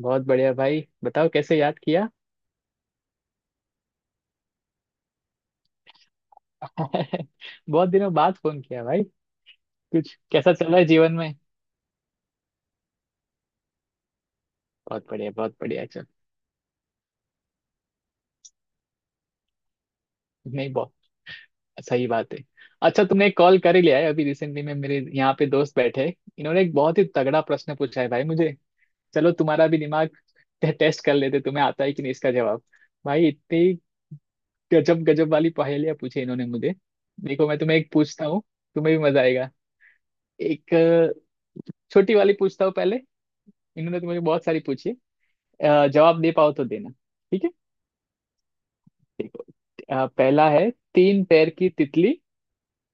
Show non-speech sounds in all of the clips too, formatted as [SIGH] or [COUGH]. बहुत बढ़िया भाई। बताओ कैसे याद किया? [LAUGHS] बहुत दिनों बाद फोन किया भाई। कुछ कैसा चल रहा है जीवन में? बहुत बढ़िया बहुत बढ़िया। चल नहीं, बहुत सही बात है। अच्छा, तुमने एक कॉल कर ही लिया है। अभी रिसेंटली में मेरे यहाँ पे दोस्त बैठे। इन्होंने एक बहुत ही तगड़ा प्रश्न पूछा है भाई मुझे। चलो तुम्हारा भी दिमाग टेस्ट कर लेते। तुम्हें आता है कि नहीं इसका जवाब? भाई इतनी गजब गजब वाली पहेलियां पूछी इन्होंने मुझे। देखो मैं तुम्हें एक पूछता हूँ, तुम्हें भी मजा आएगा। एक छोटी वाली पूछता हूँ पहले। इन्होंने तो मुझे बहुत सारी पूछी है। जवाब दे पाओ तो देना, ठीक है। देखो, पहला है— तीन पैर की तितली,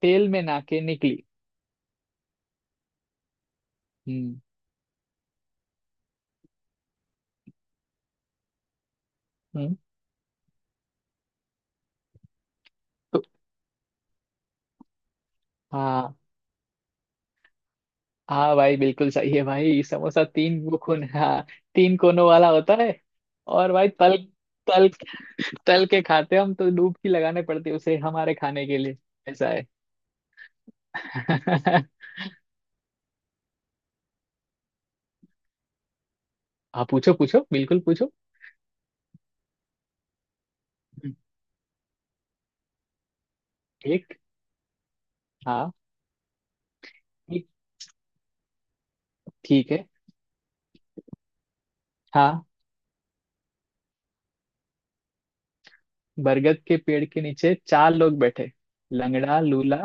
तेल में नाके निकली। हम्म। हम्म तो हाँ, हाँ भाई बिल्कुल सही है भाई। समोसा, तीन वो कोन, हाँ, तीन कोनों वाला होता है। और भाई तल तल तल के खाते हम, तो डुबकी लगाने पड़ती है उसे हमारे खाने के लिए, ऐसा है। [LAUGHS] हाँ पूछो पूछो बिल्कुल पूछो। एक, हाँ, एक ठीक है। हाँ, बरगद के पेड़ के नीचे चार लोग बैठे— लंगड़ा, लूला,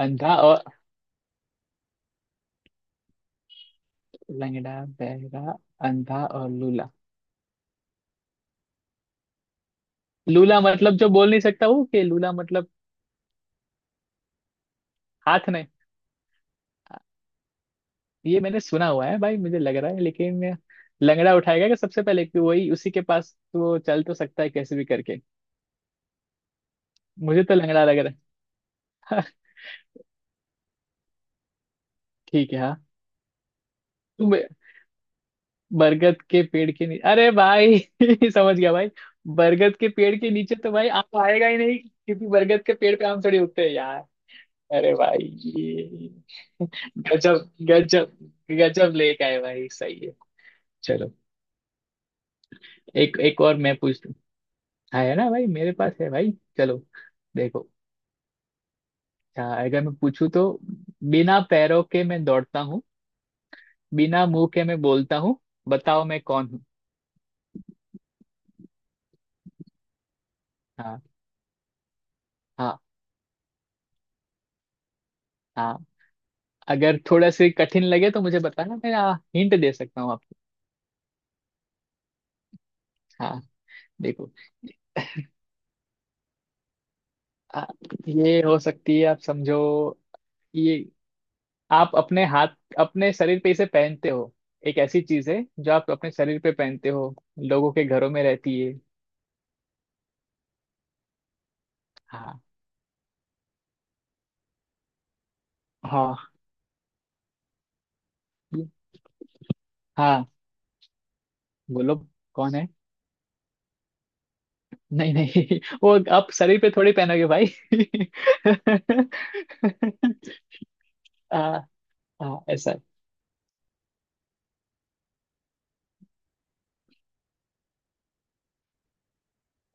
अंधा और। लंगड़ा, बहरा, अंधा और लूला। लूला मतलब जो बोल नहीं सकता, वो के? लूला मतलब हाथ नहीं? ये मैंने सुना हुआ है भाई, मुझे लग रहा है, लेकिन लंगड़ा उठाएगा कि सबसे पहले, कि वही, उसी के पास तो चल तो सकता है कैसे भी करके। मुझे तो लंगड़ा लग रहा है। [LAUGHS] ठीक है, हाँ, तुम। बरगद के पेड़ के नीचे— अरे भाई [LAUGHS] समझ गया भाई। बरगद के पेड़ के नीचे तो भाई आम तो आएगा ही नहीं, क्योंकि बरगद के पेड़ पे आम थोड़ी उगते हैं यार। अरे भाई ये गजब गजब गजब लेके आए भाई, सही है। चलो एक एक और मैं पूछ लूं। हाँ है ना भाई, मेरे पास है भाई। चलो, देखो। हाँ, अगर मैं पूछूं तो— बिना पैरों के मैं दौड़ता हूँ, बिना मुंह के मैं बोलता हूँ, बताओ मैं कौन हूँ? हाँ हाँ। हाँ, अगर थोड़ा से कठिन लगे तो मुझे बताना, मैं हाँ, हिंट दे सकता हूँ आपको। हाँ, देखो आ, ये हो सकती है, आप समझो। ये आप अपने हाथ, अपने शरीर पे इसे पहनते हो। एक ऐसी चीज है जो आप अपने शरीर पे पहनते हो, लोगों के घरों में रहती है। हाँ हाँ। ये- हाँ बोलो, कौन है? नहीं नहीं [LAUGHS] वो आप शरीर पे थोड़ी पहनोगे भाई। [LAUGHS] आ, आ, ऐसा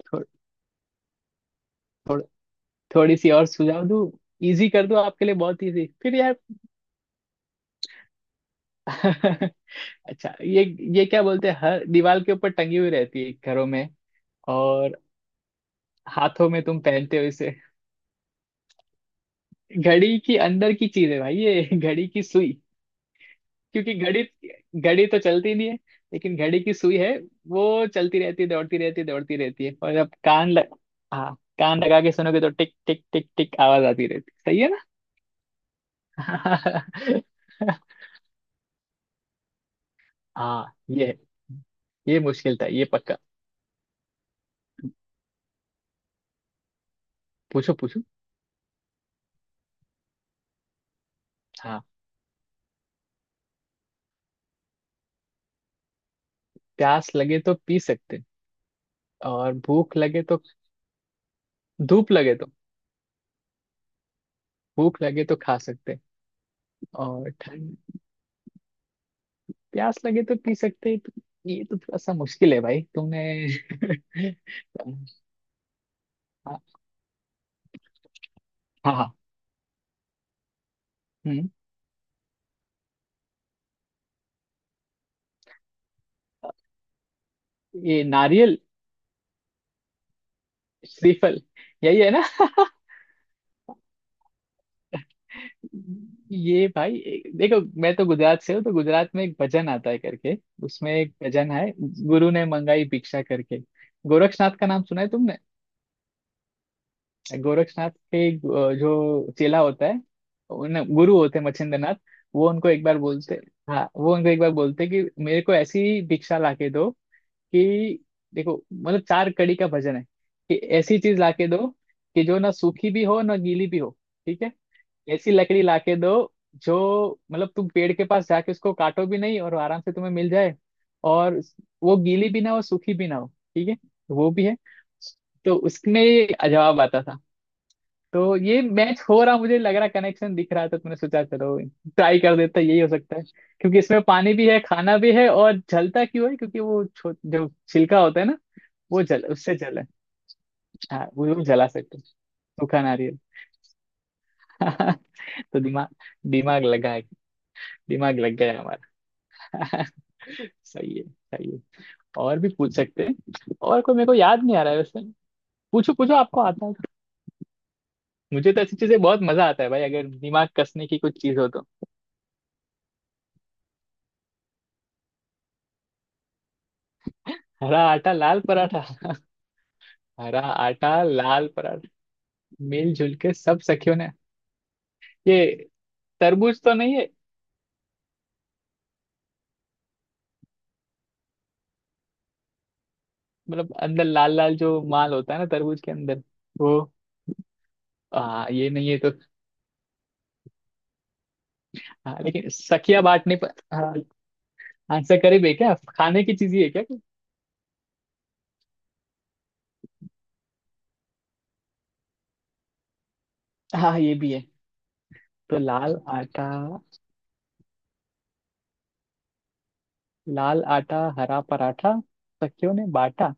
थो, थोड़, थोड़ी सी और सुझाव दूं? इजी कर दूं आपके लिए, बहुत इजी फिर यार। [LAUGHS] अच्छा, ये क्या बोलते हैं, हर दीवार के ऊपर टंगी हुई रहती है घरों में, और हाथों में तुम पहनते हो इसे। घड़ी की अंदर की चीज है भाई ये [LAUGHS] घड़ी की सुई। क्योंकि घड़ी घड़ी तो चलती नहीं है, लेकिन घड़ी की सुई है। वो चलती रहती है, दौड़ती रहती है दौड़ती रहती है, और जब कान लग— हाँ, कान लगा के सुनोगे तो टिक टिक टिक टिक आवाज आती रहती है। सही है ना? [LAUGHS] हाँ, ये है। ये मुश्किल था, ये पक्का। पूछो पूछो। हाँ, प्यास लगे तो पी सकते हैं। और भूख लगे तो— धूप लगे तो— भूख लगे तो खा सकते हैं। और ठंड— प्यास लगे तो पी सकते हैं तो— ये तो थोड़ा सा मुश्किल है भाई, तुमने [LAUGHS] हाँ हाँ। हम्म, ये नारियल, श्रीफल, यही है ना? [LAUGHS] ये भाई देखो, मैं तो गुजरात से हूँ, तो गुजरात में एक भजन आता है करके, उसमें एक भजन है— गुरु ने मंगाई भिक्षा करके। गोरक्षनाथ का नाम सुना है तुमने? गोरक्षनाथ के जो चेला होता है, उन्हें गुरु होते हैं मच्छिंद्रनाथ। वो उनको एक बार बोलते, हाँ, वो उनको एक बार बोलते कि मेरे को ऐसी भिक्षा ला के दो कि— देखो, मतलब चार कड़ी का भजन है— कि ऐसी चीज लाके दो, कि जो ना सूखी भी हो, ना गीली भी हो, ठीक है? ऐसी लकड़ी लाके दो जो— मतलब तुम पेड़ के पास जाके उसको काटो भी नहीं और आराम से तुम्हें मिल जाए, और वो गीली भी ना हो, सूखी भी ना हो, ठीक है? वो भी है। तो उसमें ये जवाब आता था। तो ये मैच हो रहा, मुझे लग रहा, कनेक्शन दिख रहा था, तुमने सोचा चलो ट्राई कर देता, यही हो सकता है। क्योंकि इसमें पानी भी है, खाना भी है, और जलता क्यों है क्योंकि वो जो छिलका होता है ना, वो जल उससे जला। हाँ वो हम जला सकते हैं। सूखा नारियल। [LAUGHS] तो दिमाग दिमाग लगा है। दिमाग लग गया हमारा। [LAUGHS] सही है सही है। और भी पूछ सकते हैं, और कोई मेरे को याद नहीं आ रहा है वैसे। पूछो पूछो आपको आता है तो। मुझे तो ऐसी चीजें बहुत मजा आता है भाई, अगर दिमाग कसने की कुछ चीज हो तो। हरा आटा लाल पराठा? [LAUGHS] हरा आटा लाल पराठा, मिलजुल के सब सखियों ने— ये तरबूज तो नहीं है? मतलब अंदर लाल लाल जो माल होता है ना तरबूज के अंदर, वो। ये नहीं है तो? हाँ, लेकिन सखिया बांटने पर, हाँ, आंसर करीब है? क्या खाने की चीज ही है क्या कोई? हाँ ये भी है। तो लाल आटा, लाल आटा हरा पराठा सखियों ने बांटा?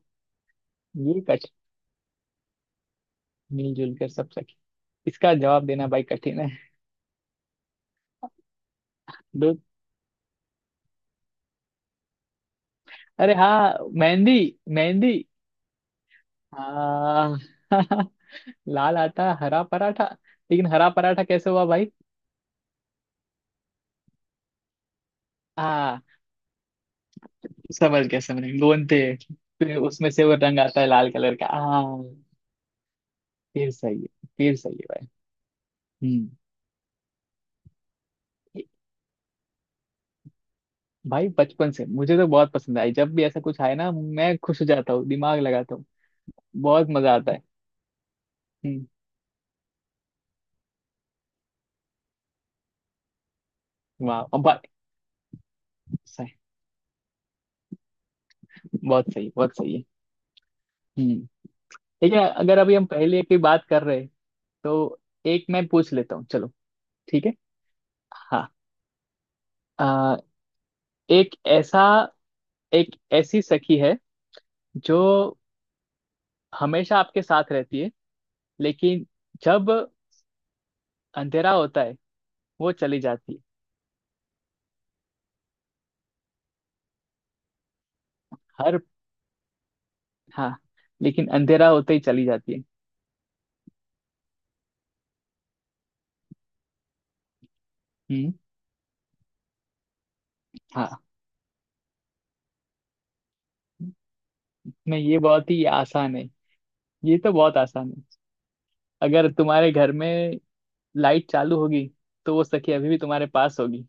ये कठ मिलजुल कर सब सखी, इसका जवाब देना भाई कठिन है। दूध? अरे हाँ, मेहंदी। मेहंदी। हाँ [LAUGHS] लाल आटा हरा पराठा, लेकिन हरा पराठा कैसे हुआ भाई? हाँ समझ गया समझ गया, गोंदते हैं, फिर उसमें से वो रंग आता है लाल कलर का, हाँ। फिर सही है, फिर सही है भाई। हम्म। भाई बचपन से मुझे तो बहुत पसंद आई, जब भी ऐसा कुछ आए ना मैं खुश हो जाता हूँ, दिमाग लगाता हूँ, बहुत मजा आता है। हम्म। वाह, अब बात सही, बहुत सही, बहुत सही है। हम्म। ठीक है, अगर अभी हम पहले की बात कर रहे हैं, तो एक मैं पूछ लेता हूँ चलो। ठीक है। हाँ, आ, एक ऐसा एक ऐसी सखी है, जो हमेशा आपके साथ रहती है, लेकिन जब अंधेरा होता है वो चली जाती है। हर— हाँ, लेकिन अंधेरा होते ही चली जाती है। हम्म। हाँ, नहीं ये बहुत ही आसान है, ये तो बहुत आसान है। अगर तुम्हारे घर में लाइट चालू होगी तो वो सखी अभी भी तुम्हारे पास होगी।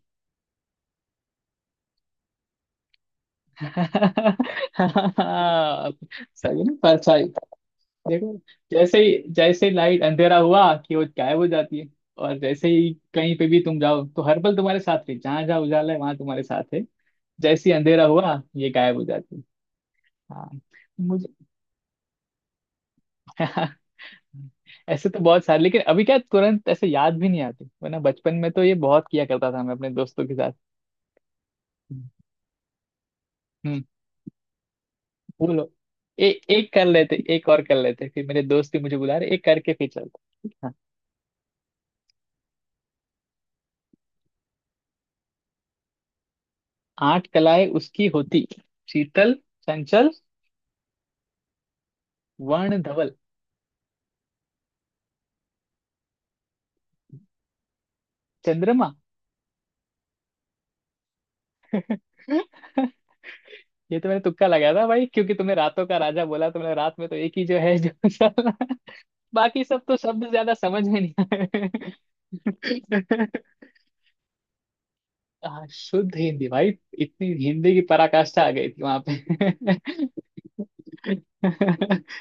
[LAUGHS] सही ना, परछाई। देखो, जैसे ही लाइट अंधेरा हुआ कि वो गायब हो जाती है। और जैसे ही कहीं पे भी तुम जाओ, तो हर पल तुम्हारे साथ है, जहाँ जहाँ उजाला है वहां तुम्हारे साथ है। जैसे ही अंधेरा हुआ ये गायब हो जाती है। हाँ मुझे। [LAUGHS] ऐसे तो बहुत सारे, लेकिन अभी क्या तुरंत ऐसे याद भी नहीं आते, वरना बचपन में तो ये बहुत किया करता था मैं अपने दोस्तों के साथ। हम्म। बोलो। ए, एक कर लेते एक और कर लेते, फिर मेरे दोस्त भी मुझे बुला रहे, एक करके फिर चलते हाँ। आठ कलाएं उसकी होती, शीतल, चंचल, वर्ण धवल— चंद्रमा? [LAUGHS] ये तो मैंने तुक्का लगाया था भाई, क्योंकि तुमने रातों का राजा बोला तो मैंने रात में तो एक ही जो है जो चल रहा है। [LAUGHS] बाकी सब तो शब्द ज्यादा समझ में नहीं आए। [LAUGHS] हाँ, शुद्ध हिंदी भाई। इतनी हिंदी की पराकाष्ठा आ गई थी वहां पे। [LAUGHS] नहीं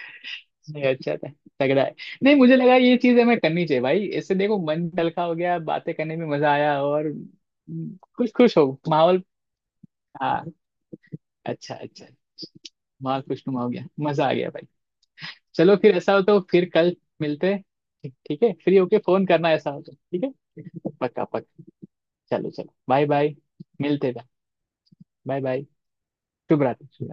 अच्छा था, तगड़ा है। नहीं मुझे लगा ये चीज हमें करनी चाहिए भाई, इससे देखो मन हल्का हो गया, बातें करने में मजा आया, और खुश खुश हो माहौल। हाँ। अच्छा अच्छा। माहौल खुशनुमा हो गया, मजा आ गया भाई। चलो फिर ऐसा हो तो फिर कल मिलते हैं। ठीक ठीक है, फ्री होके फोन करना ऐसा हो तो, ठीक है। पक्का पक्का। चलो चलो, बाय बाय, मिलते हैं। बाय बाय, शुभ रात्रि।